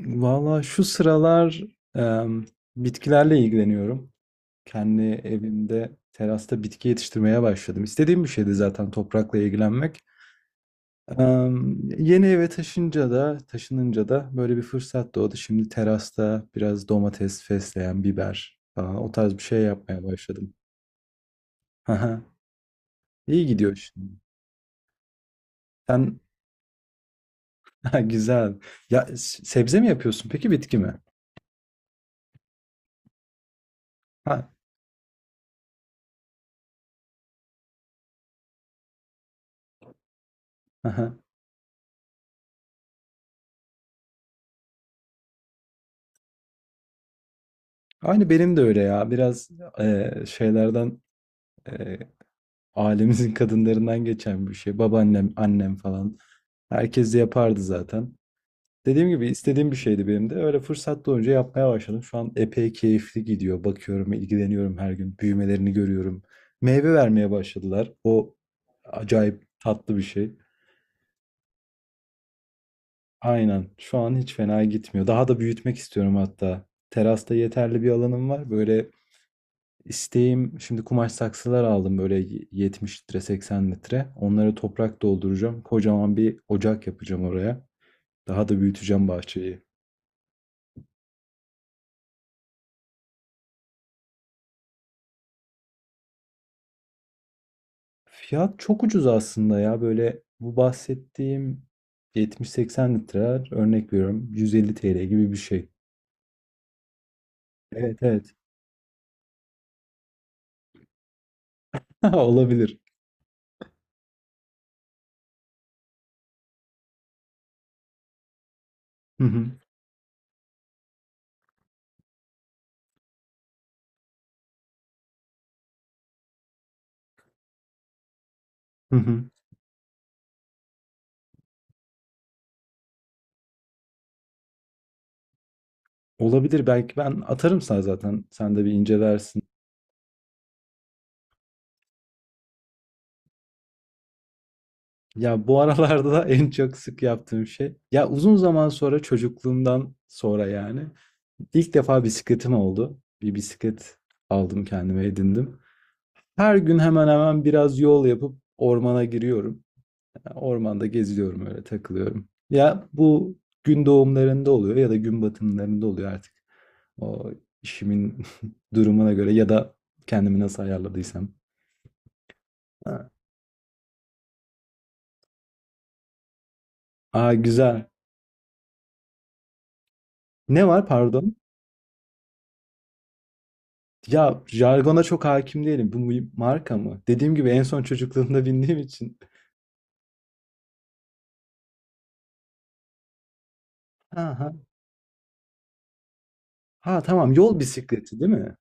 Valla şu sıralar em, bitkilerle ilgileniyorum. Kendi evimde terasta bitki yetiştirmeye başladım. İstediğim bir şeydi zaten toprakla ilgilenmek. Yeni eve taşınca da taşınınca da böyle bir fırsat doğdu. Şimdi terasta biraz domates, fesleğen, biber falan o tarz bir şey yapmaya başladım. Haha, İyi gidiyor şimdi. Sen Ha, güzel. Ya sebze mi yapıyorsun peki bitki mi? Ha, aha. Aynı benim de öyle ya. Biraz şeylerden e, ailemizin kadınlarından geçen bir şey. Babaannem, annem falan. Herkes de yapardı zaten. Dediğim gibi istediğim bir şeydi benim de. Öyle fırsat doğunca yapmaya başladım. Şu an epey keyifli gidiyor. Bakıyorum, ilgileniyorum her gün. Büyümelerini görüyorum. Meyve vermeye başladılar. O acayip tatlı bir şey. Aynen. Şu an hiç fena gitmiyor. Daha da büyütmek istiyorum hatta. Terasta yeterli bir alanım var. Böyle İsteğim şimdi kumaş saksılar aldım, böyle 70 litre, 80 litre. Onları toprak dolduracağım. Kocaman bir ocak yapacağım oraya. Daha da büyüteceğim bahçeyi. Fiyat çok ucuz aslında ya, böyle bu bahsettiğim 70-80 litreler, örnek veriyorum, 150 TL gibi bir şey. Evet, evet. Olabilir. Hı hı. Hı hı. Olabilir, belki ben atarım sana zaten, sen de bir incelersin. Ya bu aralarda da en çok sık yaptığım şey. Ya uzun zaman sonra, çocukluğumdan sonra yani İlk defa bisikletim oldu. Bir bisiklet aldım kendime, edindim. Her gün hemen hemen biraz yol yapıp ormana giriyorum. Yani ormanda geziyorum, öyle takılıyorum. Ya bu gün doğumlarında oluyor ya da gün batımlarında oluyor artık. O işimin durumuna göre ya da kendimi nasıl ayarladıysam. Ha. Aa, güzel. Ne var, pardon? Ya jargona çok hakim değilim. Bu bir marka mı? Dediğim gibi en son çocukluğumda bindiğim için. Ha, ha. Ha, tamam, yol bisikleti değil mi?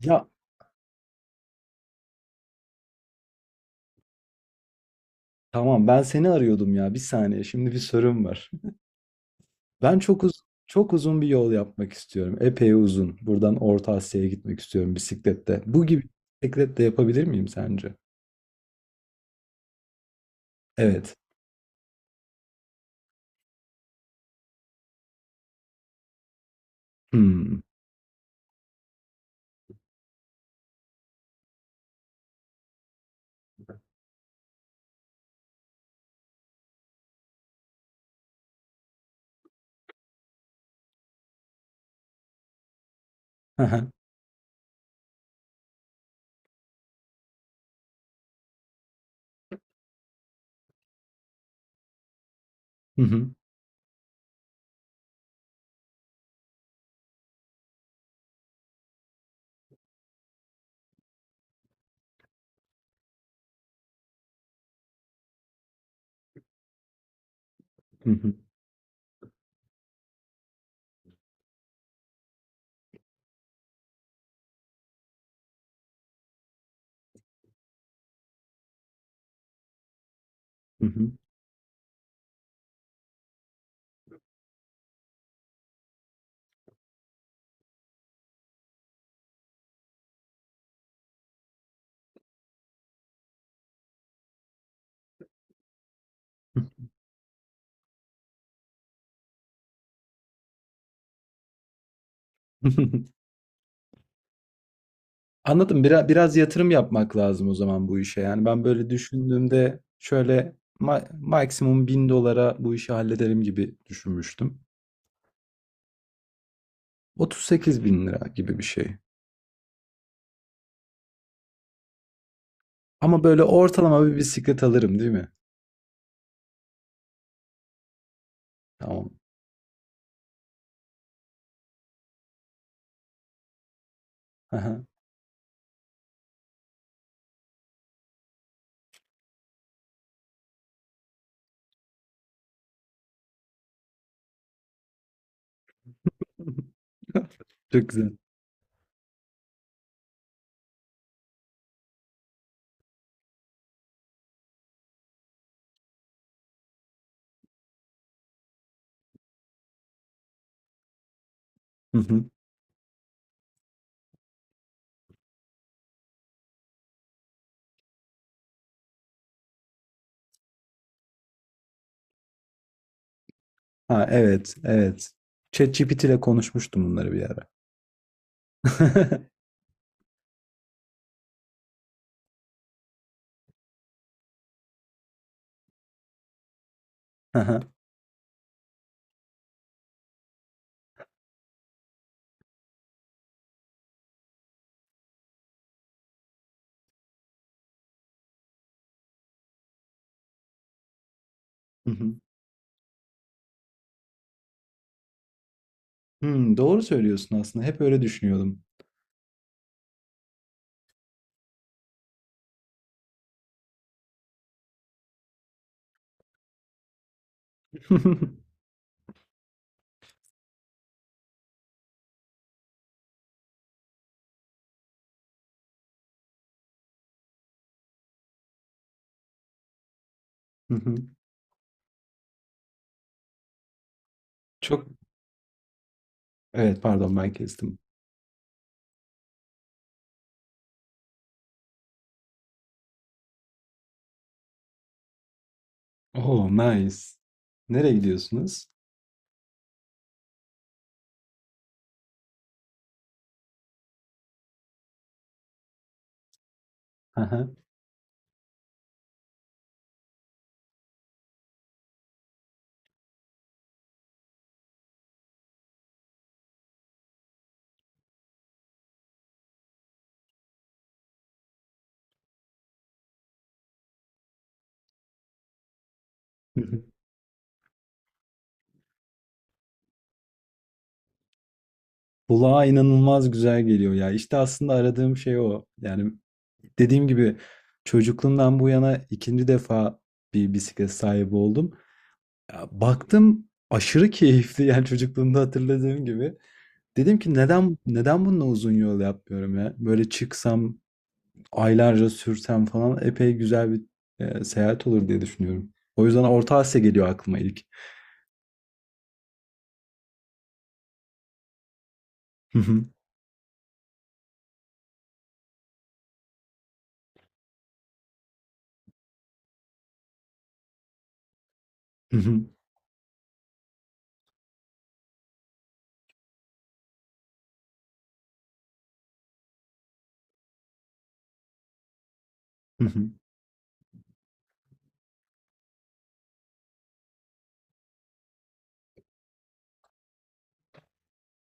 Ya tamam, ben seni arıyordum ya. Bir saniye, şimdi bir sorum var. Ben çok uzun bir yol yapmak istiyorum. Epey uzun. Buradan Orta Asya'ya gitmek istiyorum bisiklette. Bu gibi bisikletle yapabilir miyim sence? Evet. Hmm. Aha. Hı hı. Hı hı. Hı hı. Anladım. Biraz yatırım yapmak lazım o zaman bu işe. Yani ben böyle düşündüğümde şöyle maksimum 1.000 dolara bu işi hallederim gibi düşünmüştüm. 38 bin lira gibi bir şey. Ama böyle ortalama bir bisiklet alırım değil mi? Tamam. Aha. Çok güzel. Hı hı. Ha, evet, evet. ChatGPT ile konuşmuştum bunları bir ara. Aha. Hı hı. Hmm, doğru söylüyorsun aslında. Hep öyle düşünüyordum. Hı hı. Çok, evet, pardon, ben kestim. Oh nice. Nereye gidiyorsunuz? Aha. Hı hı. Kulağa inanılmaz güzel geliyor ya. İşte aslında aradığım şey o. Yani dediğim gibi çocukluğumdan bu yana ikinci defa bir bisiklet sahibi oldum. Ya, baktım aşırı keyifli, yani çocukluğumda hatırladığım gibi. Dedim ki neden bununla uzun yol yapmıyorum ya? Böyle çıksam aylarca sürsem falan epey güzel bir seyahat olur diye düşünüyorum. O yüzden Orta Asya geliyor aklıma ilk. Hı hı, hı hı, hı hı,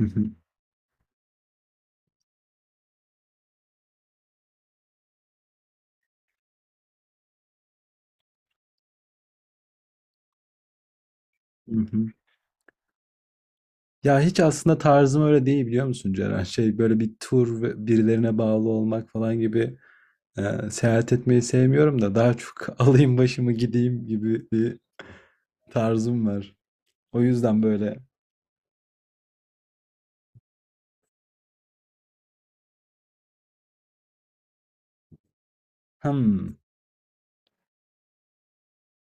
hı hı, hı hı. Ya hiç aslında tarzım öyle değil, biliyor musun Ceren? Şey, böyle bir tur ve birilerine bağlı olmak falan gibi, seyahat etmeyi sevmiyorum da, daha çok alayım başımı gideyim gibi bir tarzım var. O yüzden böyle hımm,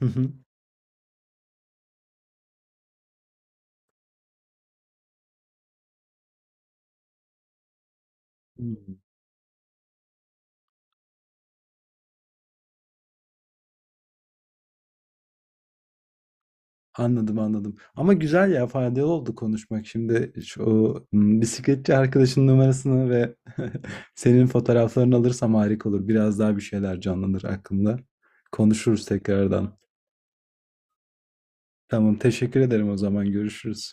hı hı, hımm. Anladım, anladım. Ama güzel ya, faydalı oldu konuşmak. Şimdi şu, bisikletçi arkadaşının numarasını ve senin fotoğraflarını alırsam harika olur. Biraz daha bir şeyler canlanır aklımda. Konuşuruz tekrardan. Tamam, teşekkür ederim o zaman. Görüşürüz.